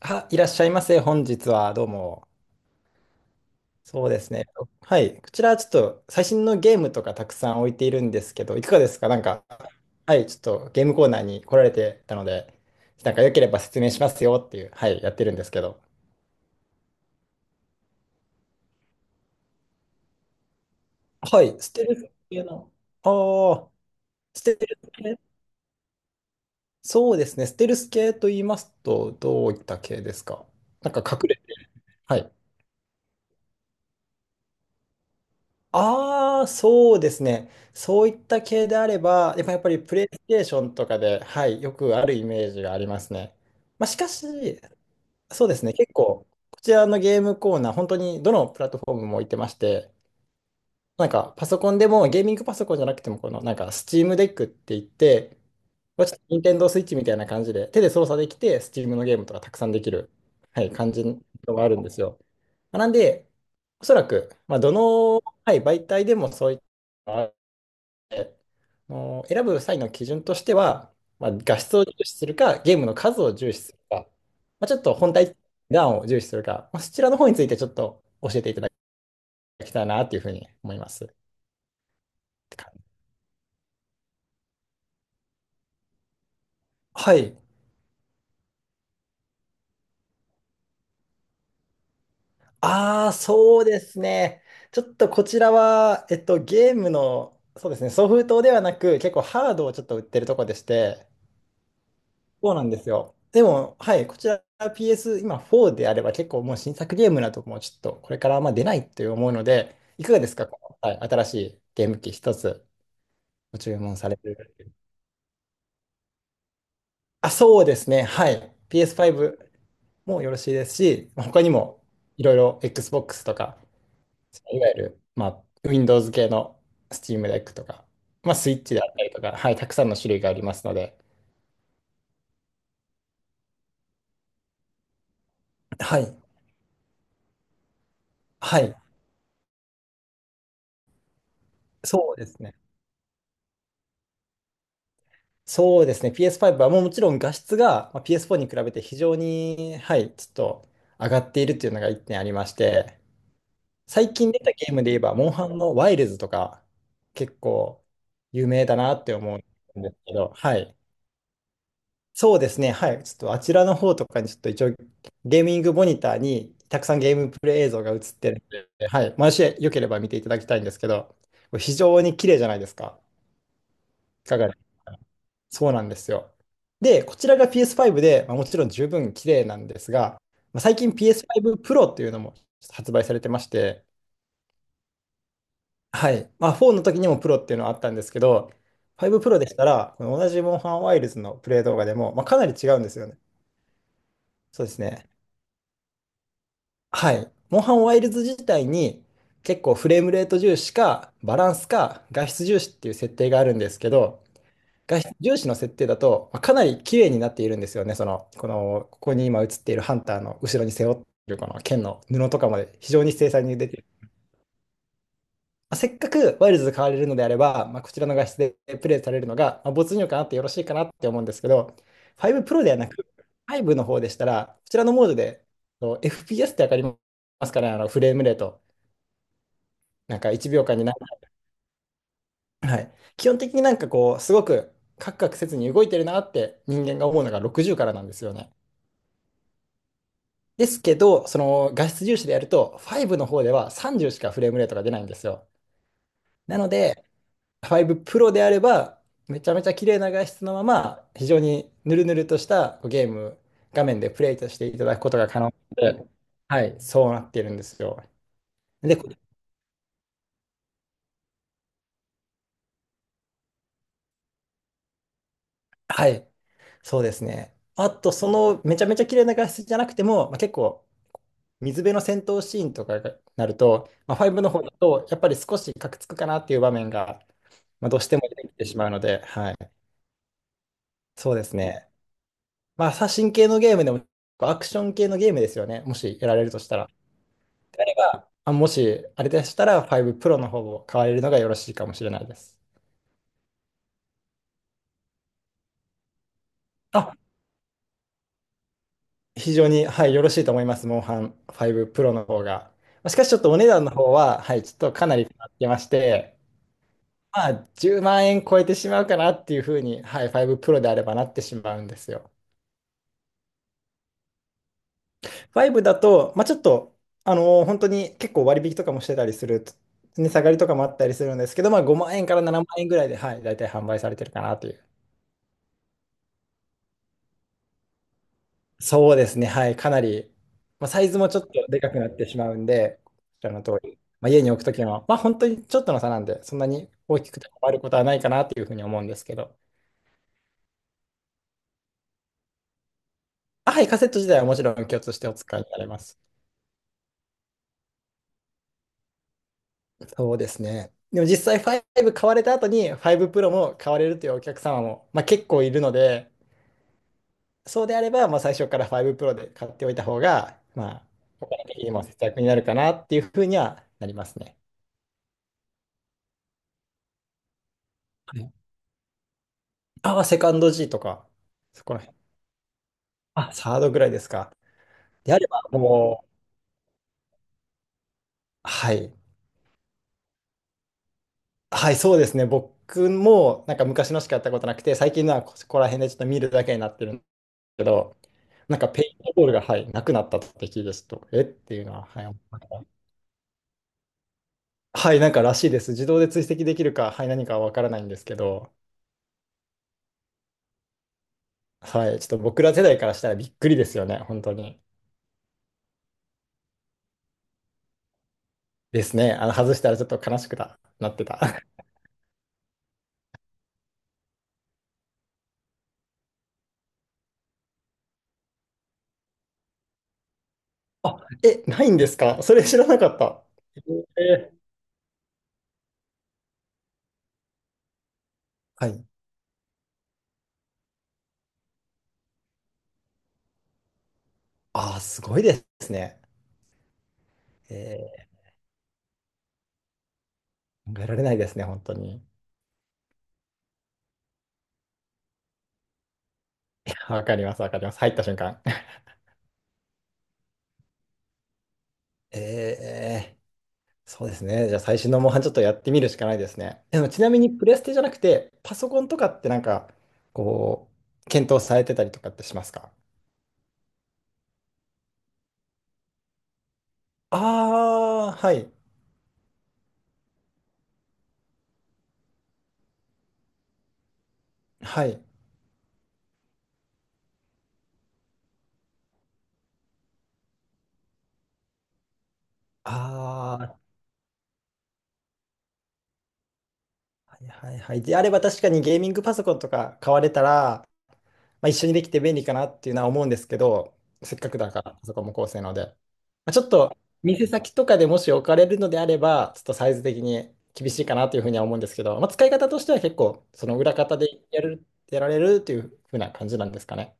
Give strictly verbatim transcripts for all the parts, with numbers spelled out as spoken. あ、いらっしゃいませ。本日はどうも。そうですね。はい。こちらちょっと最新のゲームとかたくさん置いているんですけど、いかがですか？なんか、はい、ちょっとゲームコーナーに来られてたので、なんか良ければ説明しますよっていう、はい、やってるんですけど。はい、ステルス系の。ああ、ステルス系。そうですね。ステルス系と言いますと、どういった系ですか？なんか隠れて。はい。ああ、そうですね。そういった系であれば、やっぱやっぱりプレイステーションとかで、はい、よくあるイメージがありますね。まあ、しかし、そうですね、結構、こちらのゲームコーナー、本当にどのプラットフォームも置いてまして、なんかパソコンでも、ゲーミングパソコンじゃなくても、このなんか Steam デックって言って、まあちょっと Nintendo Switch みたいな感じで、手で操作できて、Steam のゲームとかたくさんできる、はい、感じのがあるんですよ。まあなんで、おそらく、まあ、どの、はい、媒体でもそういったのがあって、あの選ぶ際の基準としては、まあ、画質を重視するか、ゲームの数を重視するか、まあ、ちょっと本体、段を重視するか、まあ、そちらの方についてちょっと教えていただきたいなというふうに思います。って感じ。はい。ああ、そうですね。ちょっとこちらは、えっと、ゲームの、そうですね、ソフトではなく、結構ハードをちょっと売ってるとこでして、そうなんですよ。でも、はい、こちら ピーエス、今フォーであれば結構もう新作ゲームなどもちょっとこれからあんま出ないと思うので、いかがですか、この、はい、新しいゲーム機一つご注文される？あ、そうですね。はい。ピーエスファイブ もよろしいですし、まあ他にもいろいろ Xbox とか、いわゆる、まあ、Windows 系の Steam Deck とか、まあ、Switch であったりとか、はい、たくさんの種類がありますので、はい。はい。そうですね。そうですね。ピーエスファイブ はもうもちろん画質がまあ ピーエスフォー に比べて非常に、はい、ちょっと上がっているっていうのが一点ありまして、最近出たゲームで言えば、モンハンのワイルズとか、結構有名だなって思うんですけど、はい。そうですね。はい。ちょっとあちらの方とかにちょっと一応ゲーミングモニターにたくさんゲームプレイ映像が映ってるので、はい。もしよければ見ていただきたいんですけど、これ非常に綺麗じゃないですか。いかがですか？そうなんですよ。で、こちらが ピーエスファイブ で、まあ、もちろん十分綺麗なんですが、まあ、最近 ピーエスファイブ Pro っていうのも発売されてまして、はい。まあ、よんの時にも Pro っていうのはあったんですけど、ファイブ Pro でしたら、この同じモンハンワイルズのプレイ動画でも、まあ、かなり違うんですよね。そうですね。はい。モンハンワイルズ自体に結構フレームレート重視か、バランスか、画質重視っていう設定があるんですけど、画質重視の設定だと、まあかなり綺麗になっているんですよね。その、この、ここに今映っているハンターの後ろに背負っているこの剣の布とかまで非常に精細に出ている。まあ、せっかくワイルズで買われるのであれば、まあ、こちらの画質でプレイされるのが、まあ、没入感あってよろしいかなって思うんですけど、ファイブ Pro ではなく、ファイブの方でしたら、こちらのモードで、そう、 エフピーエス ってわかりますかね？あのフレームレート。なんか1秒間にな、はい。基本的になんかこう、すごくカクカクせずに動いてるなって人間が思うのがろくじゅうからなんですよね。ですけど、その画質重視でやると、ファイブの方ではさんじゅうしかフレームレートが出ないんですよ。なので、ファイブプロであれば、めちゃめちゃ綺麗な画質のまま、非常にヌルヌルとしたこうゲーム、画面でプレイとしていただくことが可能で、はい、そうなっているんですよ。で、こはい、そうですね。あと、そのめちゃめちゃ綺麗な画質じゃなくても、まあ、結構水辺の戦闘シーンとかになると、まあ、ファイブの方だと、やっぱり少しカクつくかなっていう場面が、まあ、どうしても出てきてしまうので、はい、そうですね。まあ、写真系のゲームでも、アクション系のゲームですよね、もしやられるとしたら。があ、もし、あれでしたら、ファイブプロの方を買われるのがよろしいかもしれないです。あ、非常に、はい、よろしいと思います、モンハンファイブプロの方が。まあしかし、ちょっとお値段の方は、はい、ちょっとかなり変わってまして、まあ、じゅうまん円超えてしまうかなっていうふうに、はい、ファイブプロであればなってしまうんですよ。ファイブだと、まあ、ちょっと、あのー本当に結構割引とかもしてたりする値下がりとかもあったりするんですけど、まあ、ごまん円からななまん円ぐらいで、はい、大体販売されてるかなという。そうですね、はい、かなり、まあ、サイズもちょっとでかくなってしまうんで、こちらの通り、まあ、家に置くときは、まあ、本当にちょっとの差なんで、そんなに大きくて困ることはないかなというふうに思うんですけど、あ、はい、カセット自体はもちろん共通してお使いになれます。そうですね。でも実際ファイブ買われた後にファイブプロも買われるというお客様も、まあ、結構いるので、そうであれば、まあ、最初からファイブプロで買っておいた方が、まあ、お金的にも節約になるかなっていうふうにはなりますね。はい。ああ、セカンド G とか、そこら辺。あ、サードぐらいですか。であれば、もう、はい。はい、そうですね。僕も、なんか昔のしかやったことなくて、最近のはここら辺でちょっと見るだけになってるけど、なんかペイントボールが、はい、なくなった時ですと、えっていうのは、はい、思った。はい、なんからしいです。自動で追跡できるか、はい、何かは分からないんですけど、はい、ちょっと僕ら世代からしたらびっくりですよね、本当に。ですね。あの、外したらちょっと悲しくななってた。あ、え、ないんですか？それ知らなかった。えーはい。ああ、すごいですね。えー考えられないですね、本当に。わかります、わかります。入った瞬間。ええ、そうですね。じゃあ最新のモンハンちょっとやってみるしかないですね。でもちなみにプレステじゃなくて、パソコンとかってなんか、こう、検討されてたりとかってしますか？ああー、はい。はい。ああ、はいはいはい。であれば確かにゲーミングパソコンとか買われたら、まあ、一緒にできて便利かなっていうのは思うんですけど、せっかくだから、パソコンも高性能で。まあ、ちょっと、店先とかでもし置かれるのであれば、ちょっとサイズ的に厳しいかなというふうには思うんですけど、まあ、使い方としては結構、その裏方でやる、やられるというふうな感じなんですかね。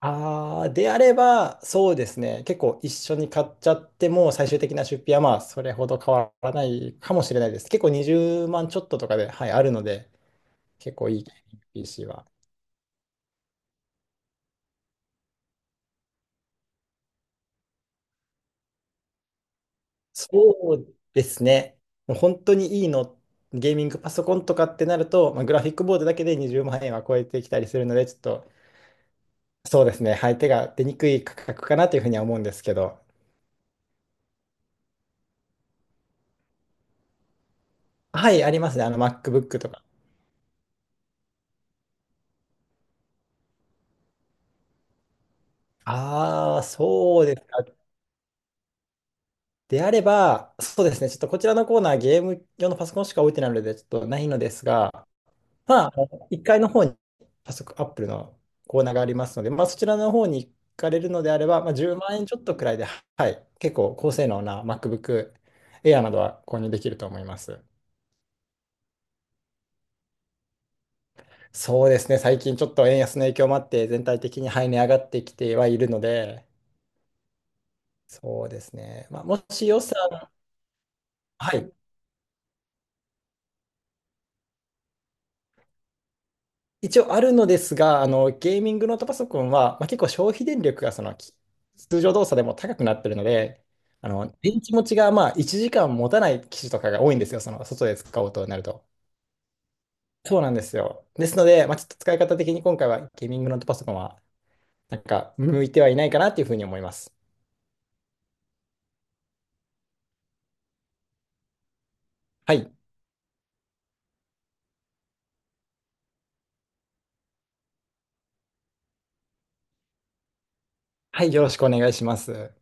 ああ、であれば、そうですね。結構一緒に買っちゃっても、最終的な出費はまあ、それほど変わらないかもしれないです。結構にじゅうまんちょっととかで、はい、あるので、結構いい ピーシー は。そうですね。もう本当にいいの、ゲーミングパソコンとかってなると、まあ、グラフィックボードだけでにじゅうまんえん円は超えてきたりするので、ちょっとそうですね、はい、手が出にくい価格かなというふうには思うんですけど、はい、ありますね、あの MacBook とか。ああ、そうですか。であれば、そうですね、ちょっとこちらのコーナー、ゲーム用のパソコンしか置いてないので、ちょっとないのですが、まあ、あのいっかいの方に早速 Apple のコーナーがありますので、まあ、そちらの方に行かれるのであれば、まあ、じゅうまんえん円ちょっとくらいで、はい、結構高性能な MacBook Air などは購入できると思います。そうですね、最近ちょっと円安の影響もあって、全体的に、はい、値上がってきてはいるので、そうですね、まあ、もし予算、はい、一応あるのですが、あの、ゲーミングノートパソコンは、まあ、結構消費電力がそのき通常動作でも高くなってるので、あの、電池持ちがまあいちじかん持たない機種とかが多いんですよ、その外で使おうとなると。そうなんですよ。ですので、まあ、ちょっと使い方的に今回はゲーミングノートパソコンは、なんか向いてはいないかなっていうふうに思います。はい。はい、よろしくお願いします。